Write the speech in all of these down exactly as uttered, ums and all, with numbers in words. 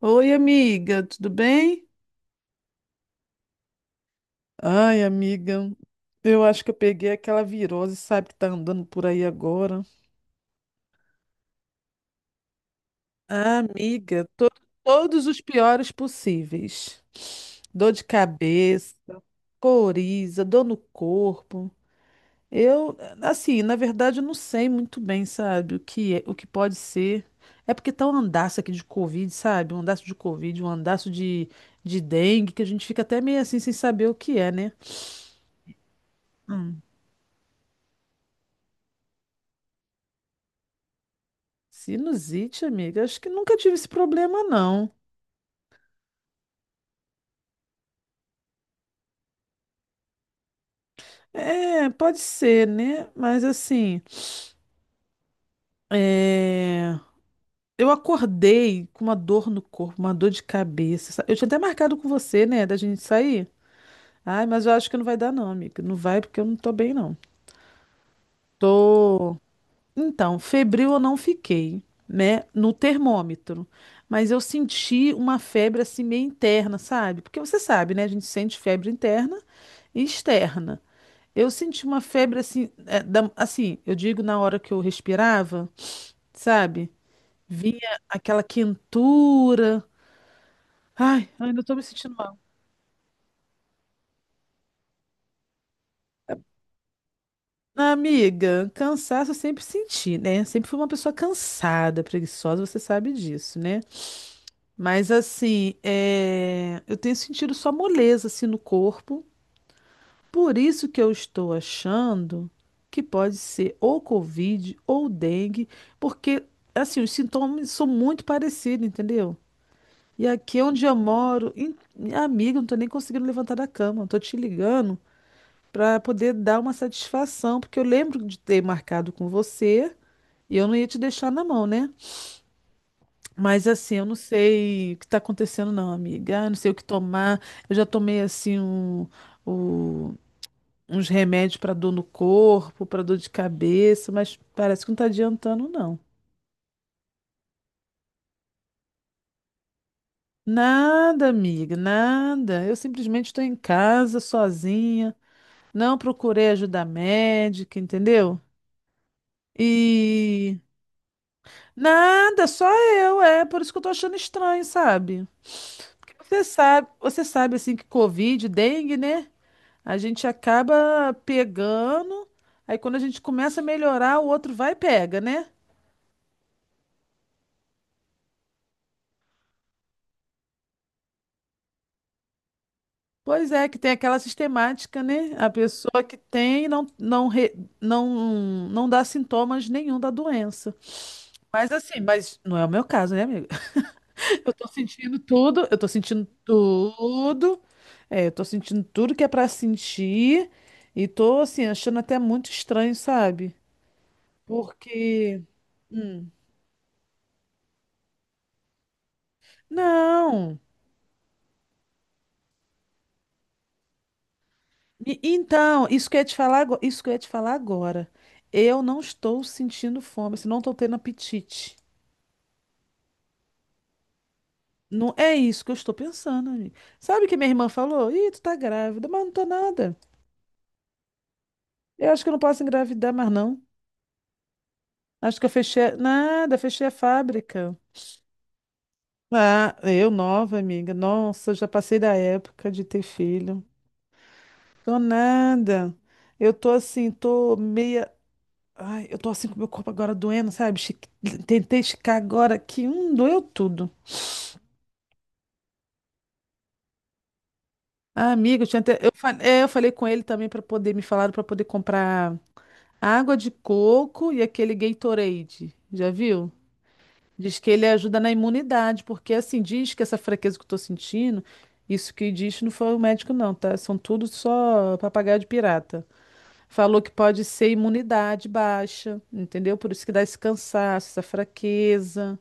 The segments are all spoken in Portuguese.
Oi, amiga, tudo bem? Ai, amiga, eu acho que eu peguei aquela virose, sabe, que tá andando por aí agora. Ah, amiga, to- todos os piores possíveis. Dor de cabeça, coriza, dor no corpo. Eu, assim, na verdade, eu não sei muito bem, sabe, o que é, o que pode ser. É porque tá um andaço aqui de Covid, sabe? Um andaço de Covid, um andaço de, de dengue, que a gente fica até meio assim sem saber o que é, né? Sinusite, amiga, acho que nunca tive esse problema, não. É, pode ser, né? Mas assim, é, eu acordei com uma dor no corpo, uma dor de cabeça. sa- Eu tinha até marcado com você, né, da gente sair. Ai, mas eu acho que não vai dar, não, amiga. Não vai porque eu não tô bem, não. Tô. Então, febril eu não fiquei, né, no termômetro. Mas eu senti uma febre assim meio interna, sabe? Porque você sabe, né? A gente sente febre interna e externa. Eu senti uma febre assim, é, da- assim, eu digo na hora que eu respirava, sabe? Vinha aquela quentura. Ai, ainda tô me sentindo mal. Amiga, cansaço eu sempre senti, né? Sempre fui uma pessoa cansada, preguiçosa, você sabe disso, né? Mas assim, é, eu tenho sentido só moleza assim no corpo. Por isso que eu estou achando que pode ser ou Covid ou dengue, porque assim, os sintomas são muito parecidos, entendeu? E aqui é onde eu moro, em- amiga, eu não tô nem conseguindo levantar da cama. Eu tô te ligando pra poder dar uma satisfação, porque eu lembro de ter marcado com você e eu não ia te deixar na mão, né? Mas assim, eu não sei o que tá acontecendo, não, amiga. Eu não sei o que tomar. Eu já tomei assim um, o- uns remédios pra dor no corpo, pra dor de cabeça, mas parece que não tá adiantando, não. Nada, amiga, nada. Eu simplesmente estou em casa, sozinha. Não procurei ajuda médica, entendeu? E nada, só eu, é por isso que eu tô achando estranho, sabe? Você sabe, você sabe assim que Covid, dengue, né? A gente acaba pegando, aí quando a gente começa a melhorar, o outro vai e pega, né? Pois é, que tem aquela sistemática, né? A pessoa que tem não, não, re- não, não dá sintomas nenhum da doença. Mas assim, mas não é o meu caso, né, amiga? Eu tô sentindo tudo, eu tô sentindo tudo. É, eu tô sentindo tudo que é pra sentir. E tô, assim, achando até muito estranho, sabe? Porque. Hum, não! E- então, isso que eu ia te falar, ago- isso que eu ia te falar agora. Eu não estou sentindo fome, assim, não estou tendo apetite. Não é isso que eu estou pensando, amiga. Sabe o que minha irmã falou? Ih, tu tá grávida, mas não tô nada. Eu acho que eu não posso engravidar mais, não. Acho que eu fechei. a- Nada, fechei a fábrica. Ah, eu nova, amiga. Nossa, já passei da época de ter filho. Tô nada. Eu tô assim, tô meia. Ai, eu tô assim com o meu corpo agora doendo, sabe? Chi- Tentei esticar agora que um doeu tudo. Ah, amiga, eu tinha até... eu, fa- é, eu falei com ele também para poder me falar para poder comprar água de coco e aquele Gatorade. Já viu? Diz que ele ajuda na imunidade, porque assim, diz que essa fraqueza que eu tô sentindo, isso que diz não foi o médico, não, tá? São tudo só papagaio de pirata. Falou que pode ser imunidade baixa, entendeu? Por isso que dá esse cansaço, essa fraqueza.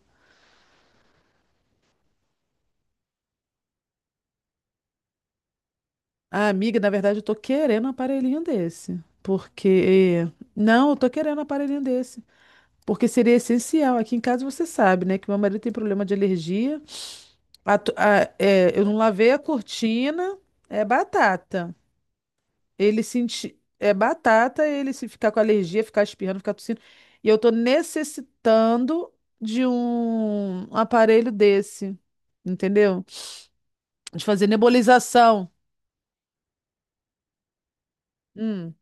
Ah, amiga, na verdade, eu tô querendo um aparelhinho desse. Porque. Não, eu tô querendo um aparelhinho desse. Porque seria essencial. Aqui em casa você sabe, né? Que meu marido tem problema de alergia. A to- a- é, eu não lavei a cortina, é batata. Ele sentir. É batata, ele se ficar com alergia, ficar espirrando, ficar tossindo. E eu tô necessitando de um aparelho desse. Entendeu? De fazer nebulização. Hum.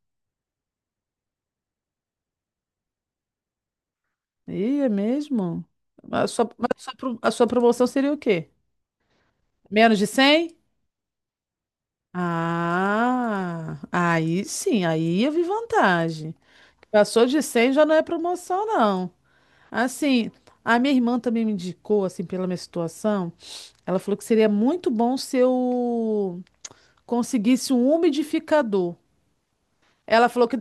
Ih, é mesmo? A sua, mas a sua, pro- a sua promoção seria o quê? Menos de cem. Ah, aí sim, aí eu vi vantagem. Passou de cem já não é promoção, não. Assim, a minha irmã também me indicou, assim, pela minha situação. Ela falou que seria muito bom se eu conseguisse um umidificador. Ela falou que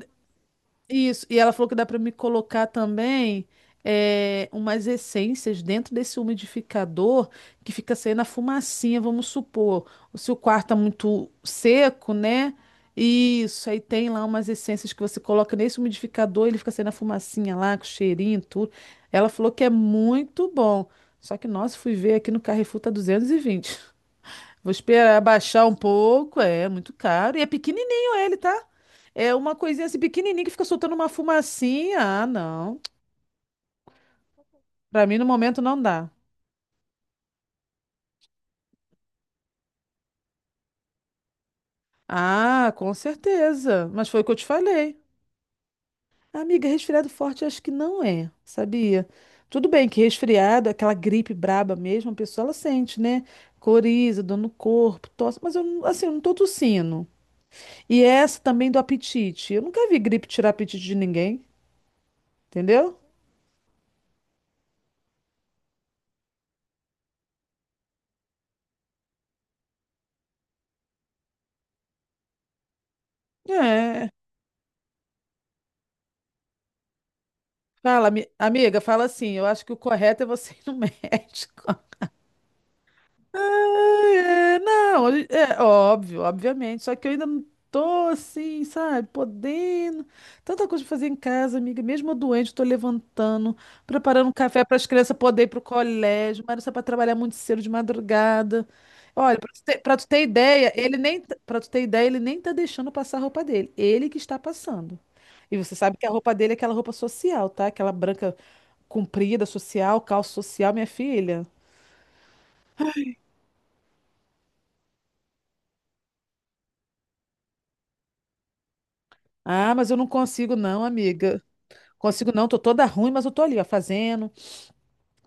isso, e ela falou que dá para me colocar também é, umas essências dentro desse umidificador que fica saindo a fumacinha, vamos supor. Se o quarto tá muito seco, né? Isso, aí tem lá umas essências que você coloca nesse umidificador, ele fica saindo a fumacinha lá, com cheirinho e tudo. Ela falou que é muito bom. Só que, nossa, fui ver aqui no Carrefour tá duzentos e vinte. Vou esperar baixar um pouco, é muito caro. E é pequenininho ele, tá? É uma coisinha assim pequenininha que fica soltando uma fumacinha. Ah, não. Pra mim, no momento, não dá. Ah, com certeza. Mas foi o que eu te falei. Amiga, resfriado forte acho que não é, sabia? Tudo bem que resfriado, aquela gripe braba mesmo, a pessoa ela sente, né? Coriza, dor no corpo, tosse, mas eu, não- assim, eu não tô tossindo. E essa também do apetite. Eu nunca vi gripe tirar apetite de ninguém, entendeu? É, fala, ami- amiga, fala assim. Eu acho que o correto é você ir no médico. Ai, é, não, é óbvio, obviamente. Só que eu ainda não tô assim, sabe, podendo. Tanta coisa pra fazer em casa, amiga. Mesmo eu doente, eu tô levantando, preparando um café para as crianças poderem ir pro colégio. Mas isso é para trabalhar muito cedo de madrugada. Olha, pra tu ter, pra tu ter ideia, ele nem, para tu ter ideia, ele nem tá deixando passar a roupa dele. Ele que está passando. E você sabe que a roupa dele é aquela roupa social, tá? Aquela branca comprida, social, calça social, minha filha. Ah, mas eu não consigo não, amiga. Consigo não, tô toda ruim, mas eu tô ali, ó, fazendo,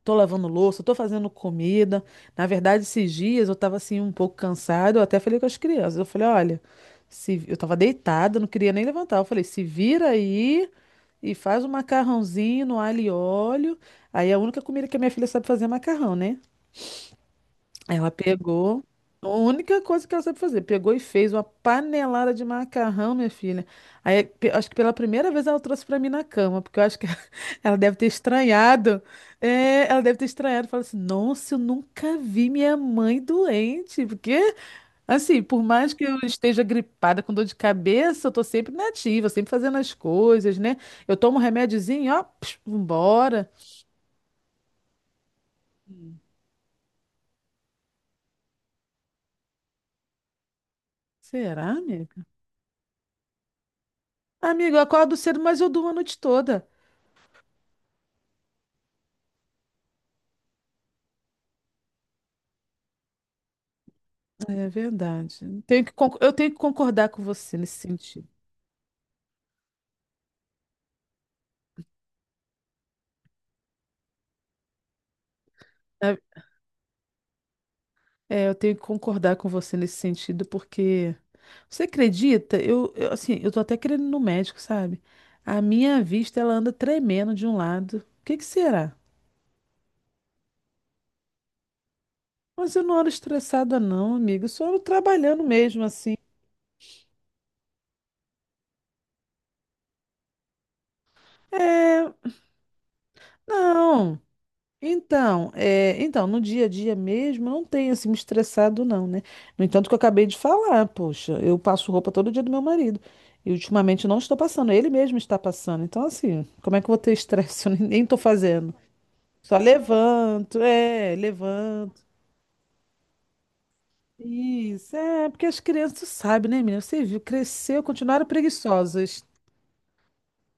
tô lavando louça, tô fazendo comida. Na verdade, esses dias eu tava assim um pouco cansada, eu até falei com as crianças. Eu falei, olha, se... eu tava deitada, não queria nem levantar. Eu falei, se vira aí e faz um macarrãozinho no alho e óleo. Aí a única comida que a minha filha sabe fazer é macarrão, né? Ela pegou. A única coisa que ela sabe fazer, pegou e fez uma panelada de macarrão, minha filha. Aí, pe- acho que pela primeira vez ela trouxe pra mim na cama, porque eu acho que ela deve ter estranhado. É, ela deve ter estranhado. Falou assim: Nossa, eu nunca vi minha mãe doente. Porque, assim, por mais que eu esteja gripada com dor de cabeça, eu tô sempre nativa, sempre fazendo as coisas, né? Eu tomo um remédiozinho, ó, psh, vambora. Será, amiga? Amiga, eu acordo cedo, mas eu durmo a noite toda. É verdade. Tenho que con- eu tenho que concordar com você nesse sentido. Né? É, eu tenho que concordar com você nesse sentido, porque você acredita? Eu, eu, assim, eu tô até querendo ir no médico, sabe? A minha vista, ela anda tremendo de um lado. O que que será? Mas eu não ando estressada, não, amiga. Eu só ando trabalhando mesmo, assim. É, não. Então, é, então, no dia a dia mesmo, eu não tenho assim me estressado, não, né? No entanto, que eu acabei de falar, poxa, eu passo roupa todo dia do meu marido. E ultimamente eu não estou passando, ele mesmo está passando. Então, assim, como é que eu vou ter estresse? Eu nem estou fazendo. Só levanto, é, levanto. Isso, é, porque as crianças sabem, né, menina? Você viu, cresceu, continuaram preguiçosas.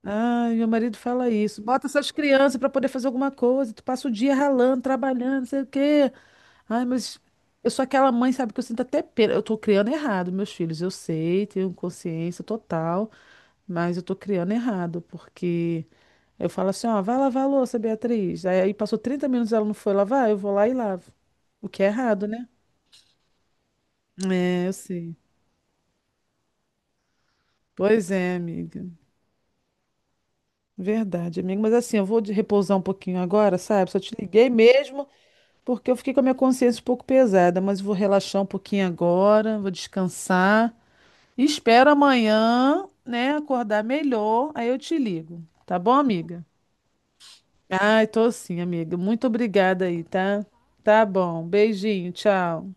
Ai, meu marido fala isso. Bota essas crianças para poder fazer alguma coisa. Tu passa o dia ralando, trabalhando, não sei o quê. Ai, mas eu sou aquela mãe, sabe, que eu sinto até pena. Eu tô criando errado, meus filhos. Eu sei, tenho consciência total, mas eu tô criando errado, porque eu falo assim, ó, vai lavar a louça, Beatriz. Aí, aí passou trinta minutos, ela não foi lavar, eu vou lá e lavo. O que é errado, né? É, eu sei. Pois é, amiga. Verdade, amiga. Mas assim, eu vou de repousar um pouquinho agora, sabe? Só te liguei mesmo porque eu fiquei com a minha consciência um pouco pesada, mas vou relaxar um pouquinho agora, vou descansar. Espero amanhã, né, acordar melhor, aí eu te ligo. Tá bom, amiga? Ai, tô sim, amiga. Muito obrigada aí, tá? Tá bom. Beijinho, tchau.